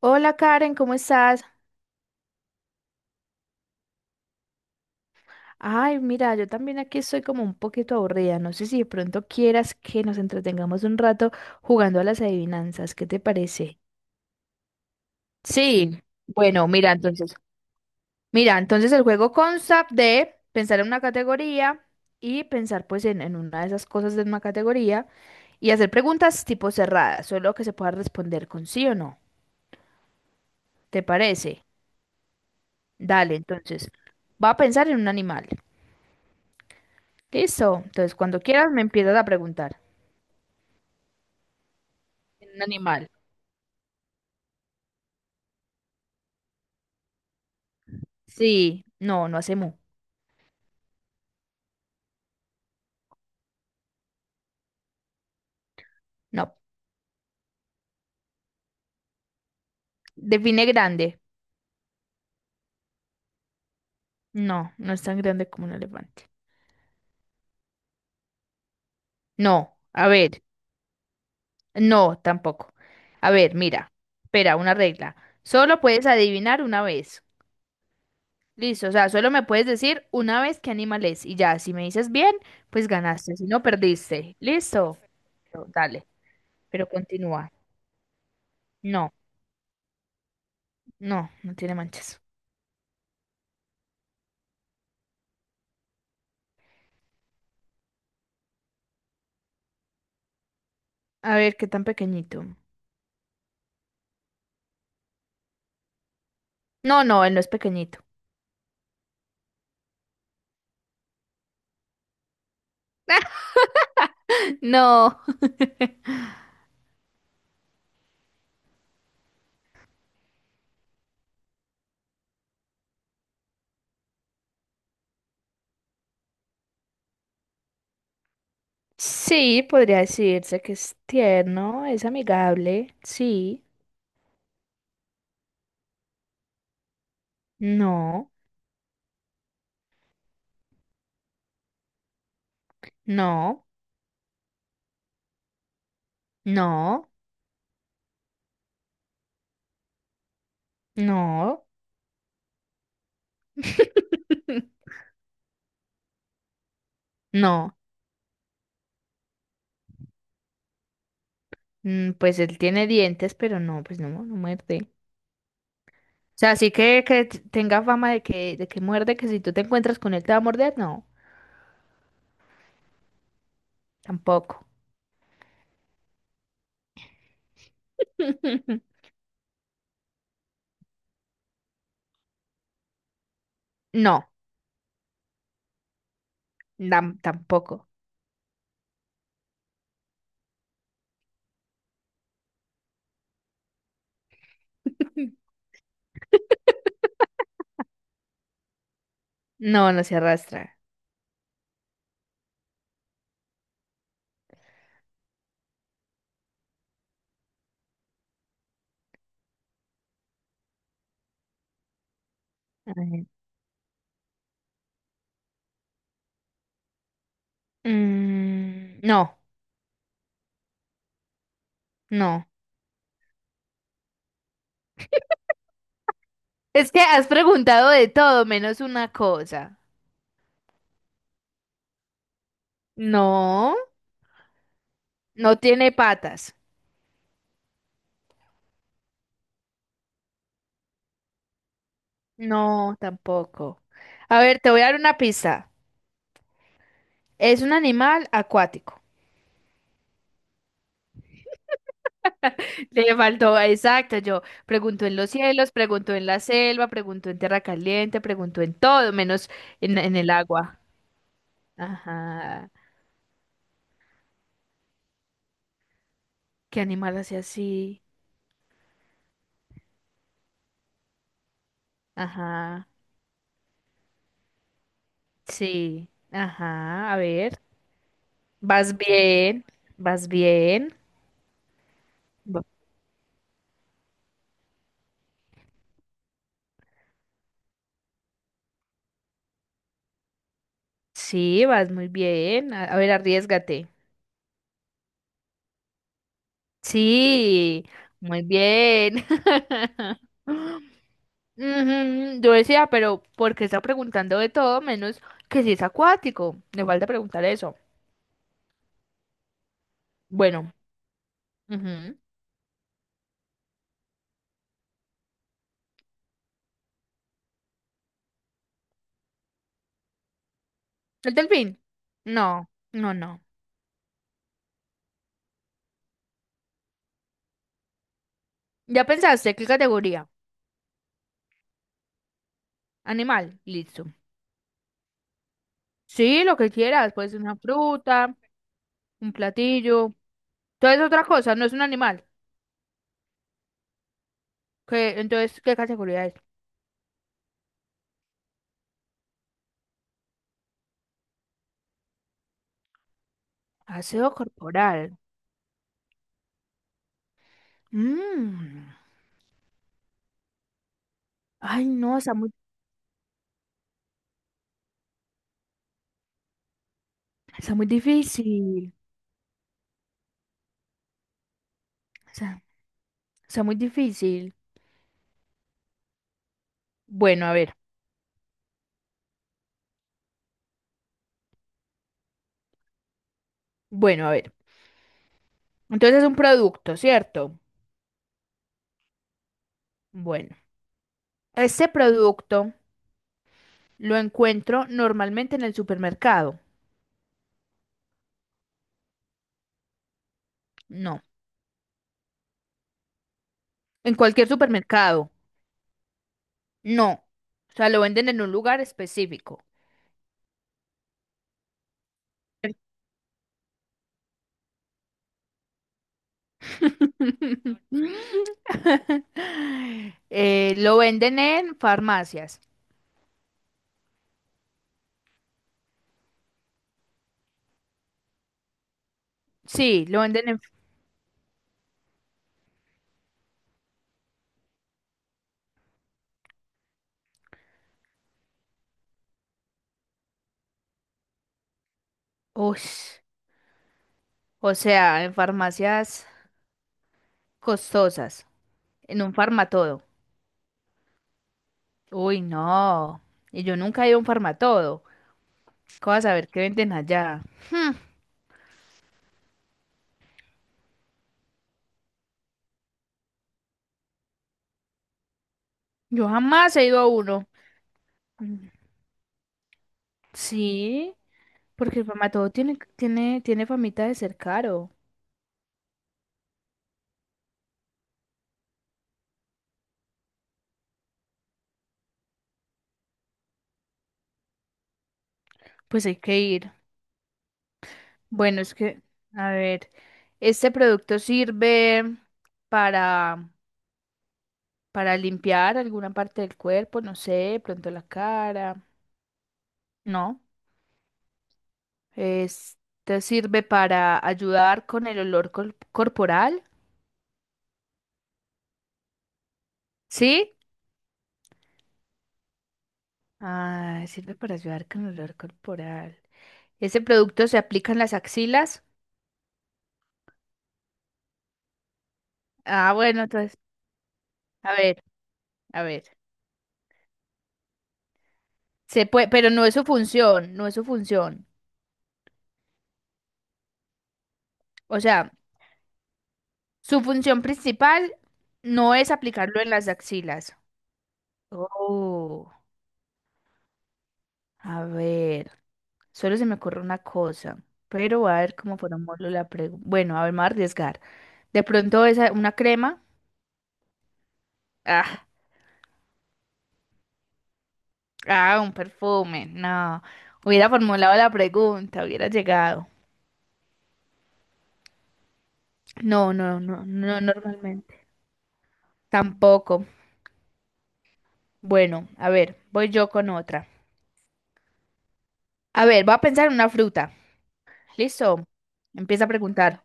Hola Karen, ¿cómo estás? Ay, mira, yo también aquí estoy como un poquito aburrida. No sé si de pronto quieras que nos entretengamos un rato jugando a las adivinanzas. ¿Qué te parece? Sí. Bueno, mira, entonces el juego consta de pensar en una categoría y pensar pues en una de esas cosas de una categoría y hacer preguntas tipo cerradas, solo que se pueda responder con sí o no. ¿Te parece? Dale, entonces, va a pensar en un animal. Listo. Entonces, cuando quieras me empiezas a preguntar. En un animal. Sí, no, no hace mu. No. Define grande. No, no es tan grande como un elefante. No, a ver, no, tampoco. A ver, mira, espera, una regla. Solo puedes adivinar una vez. Listo, o sea, solo me puedes decir una vez qué animal es. Y ya, si me dices bien, pues ganaste, si no, perdiste. Listo. Pero dale, pero continúa. No, no, no tiene manchas. A ver, qué tan pequeñito. No, no, él no es pequeñito. No. Sí, podría decirse que es tierno, es amigable, sí, no, no, no, no, no. Pues él tiene dientes, pero no, pues no, no muerde. O sea, sí que, tenga fama de que muerde, que si tú te encuentras con él te va a morder, no, tampoco. No, tampoco. No, no se arrastra. A ver. No, no. Es que has preguntado de todo menos una cosa. No, no tiene patas. No, tampoco. A ver, te voy a dar una pista. Es un animal acuático. Le faltó, exacto, yo pregunto en los cielos, pregunto en la selva, pregunto en tierra caliente, pregunto en todo, menos en el agua. Ajá. ¿Qué animal hace así? Ajá. Sí. Ajá. A ver. Vas bien. Vas bien. Sí, vas muy bien. A ver, arriesgate. Sí, muy bien. Ujú. Yo decía, pero ¿por qué está preguntando de todo menos que si es acuático? Le falta preguntar eso. Bueno, ujú. ¿El delfín? No, no, no. ¿Ya pensaste qué categoría? Animal, listo. Sí, lo que quieras, puede ser una fruta, un platillo. Entonces otra cosa, no es un animal. ¿Qué, entonces, ¿qué categoría es? Aseo corporal. Mm. Ay, no, está muy difícil. Está, está muy difícil. Bueno, a ver, bueno, a ver. Entonces es un producto, ¿cierto? Bueno, este producto lo encuentro normalmente en el supermercado. No. En cualquier supermercado. No. O sea, lo venden en un lugar específico. Lo venden en farmacias. Sí, lo venden en... Ush. O sea, en farmacias costosas, en un farmatodo. Uy, no. Y yo nunca he ido a un farmatodo. ¿Cómo vas a ver qué venden allá? Yo jamás he ido a uno. Mm. Sí, porque el farmatodo tiene famita de ser caro. Pues hay que ir. Bueno, es que, a ver, este producto sirve para, para limpiar alguna parte del cuerpo, no sé, de pronto la cara. No. Es- te sirve para ayudar con corporal, ¿sí? Ah, sirve para ayudar con el olor corporal. ¿Ese producto se aplica en las axilas? Ah, bueno, entonces, a ver, a ver. Se puede, pero no es su función, no es su función. O sea, su función principal no es aplicarlo en las axilas. Oh, a ver, solo se me ocurre una cosa, pero voy a ver cómo formuló la pregunta. Bueno, a ver, me voy a arriesgar. De pronto esa, una crema. Ah, ah, un perfume. No. Hubiera formulado la pregunta, hubiera llegado. No, no, no, no normalmente. Tampoco. Bueno, a ver, voy yo con otra. A ver, voy a pensar en una fruta. ¿Listo? Empieza a preguntar.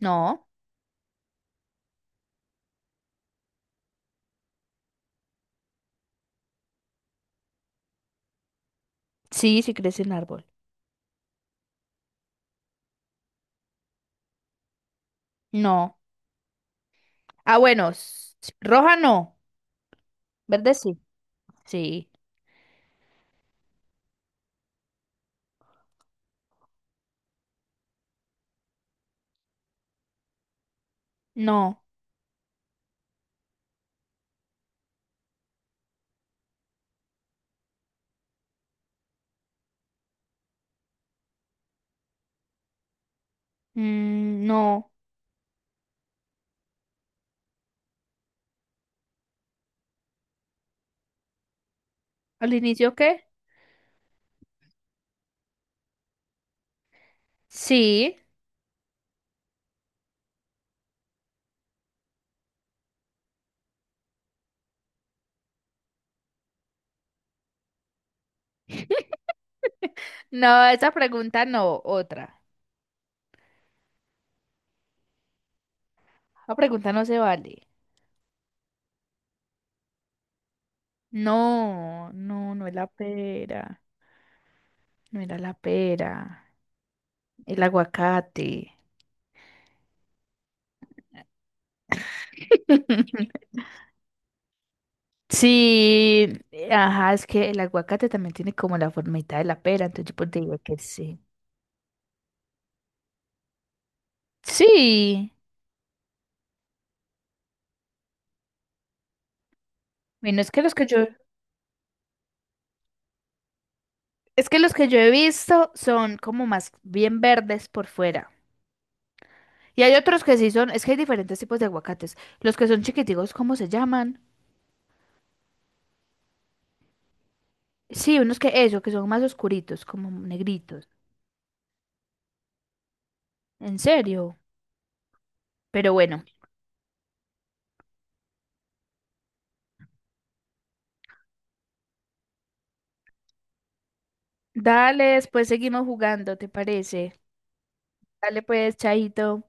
No. Sí, sí crece en árbol. No. Ah, bueno. Roja no. Verde sí. Sí. No. Mm, no. ¿Al inicio qué? Sí. No, esa pregunta no, otra. La pregunta no se vale. No, no, no es la pera. No era la pera. El aguacate. Sí, ajá, es que el aguacate también tiene como la formita de la pera, entonces yo pues digo que sí. Sí, bueno, es que los que yo he visto son como más bien verdes por fuera. Y hay otros que sí son, es que hay diferentes tipos de aguacates. Los que son chiquiticos, ¿cómo se llaman? Sí, unos que eso, que son más oscuritos, como negritos. ¿En serio? Pero bueno, dale, después seguimos jugando, ¿te parece? Dale pues, chaito.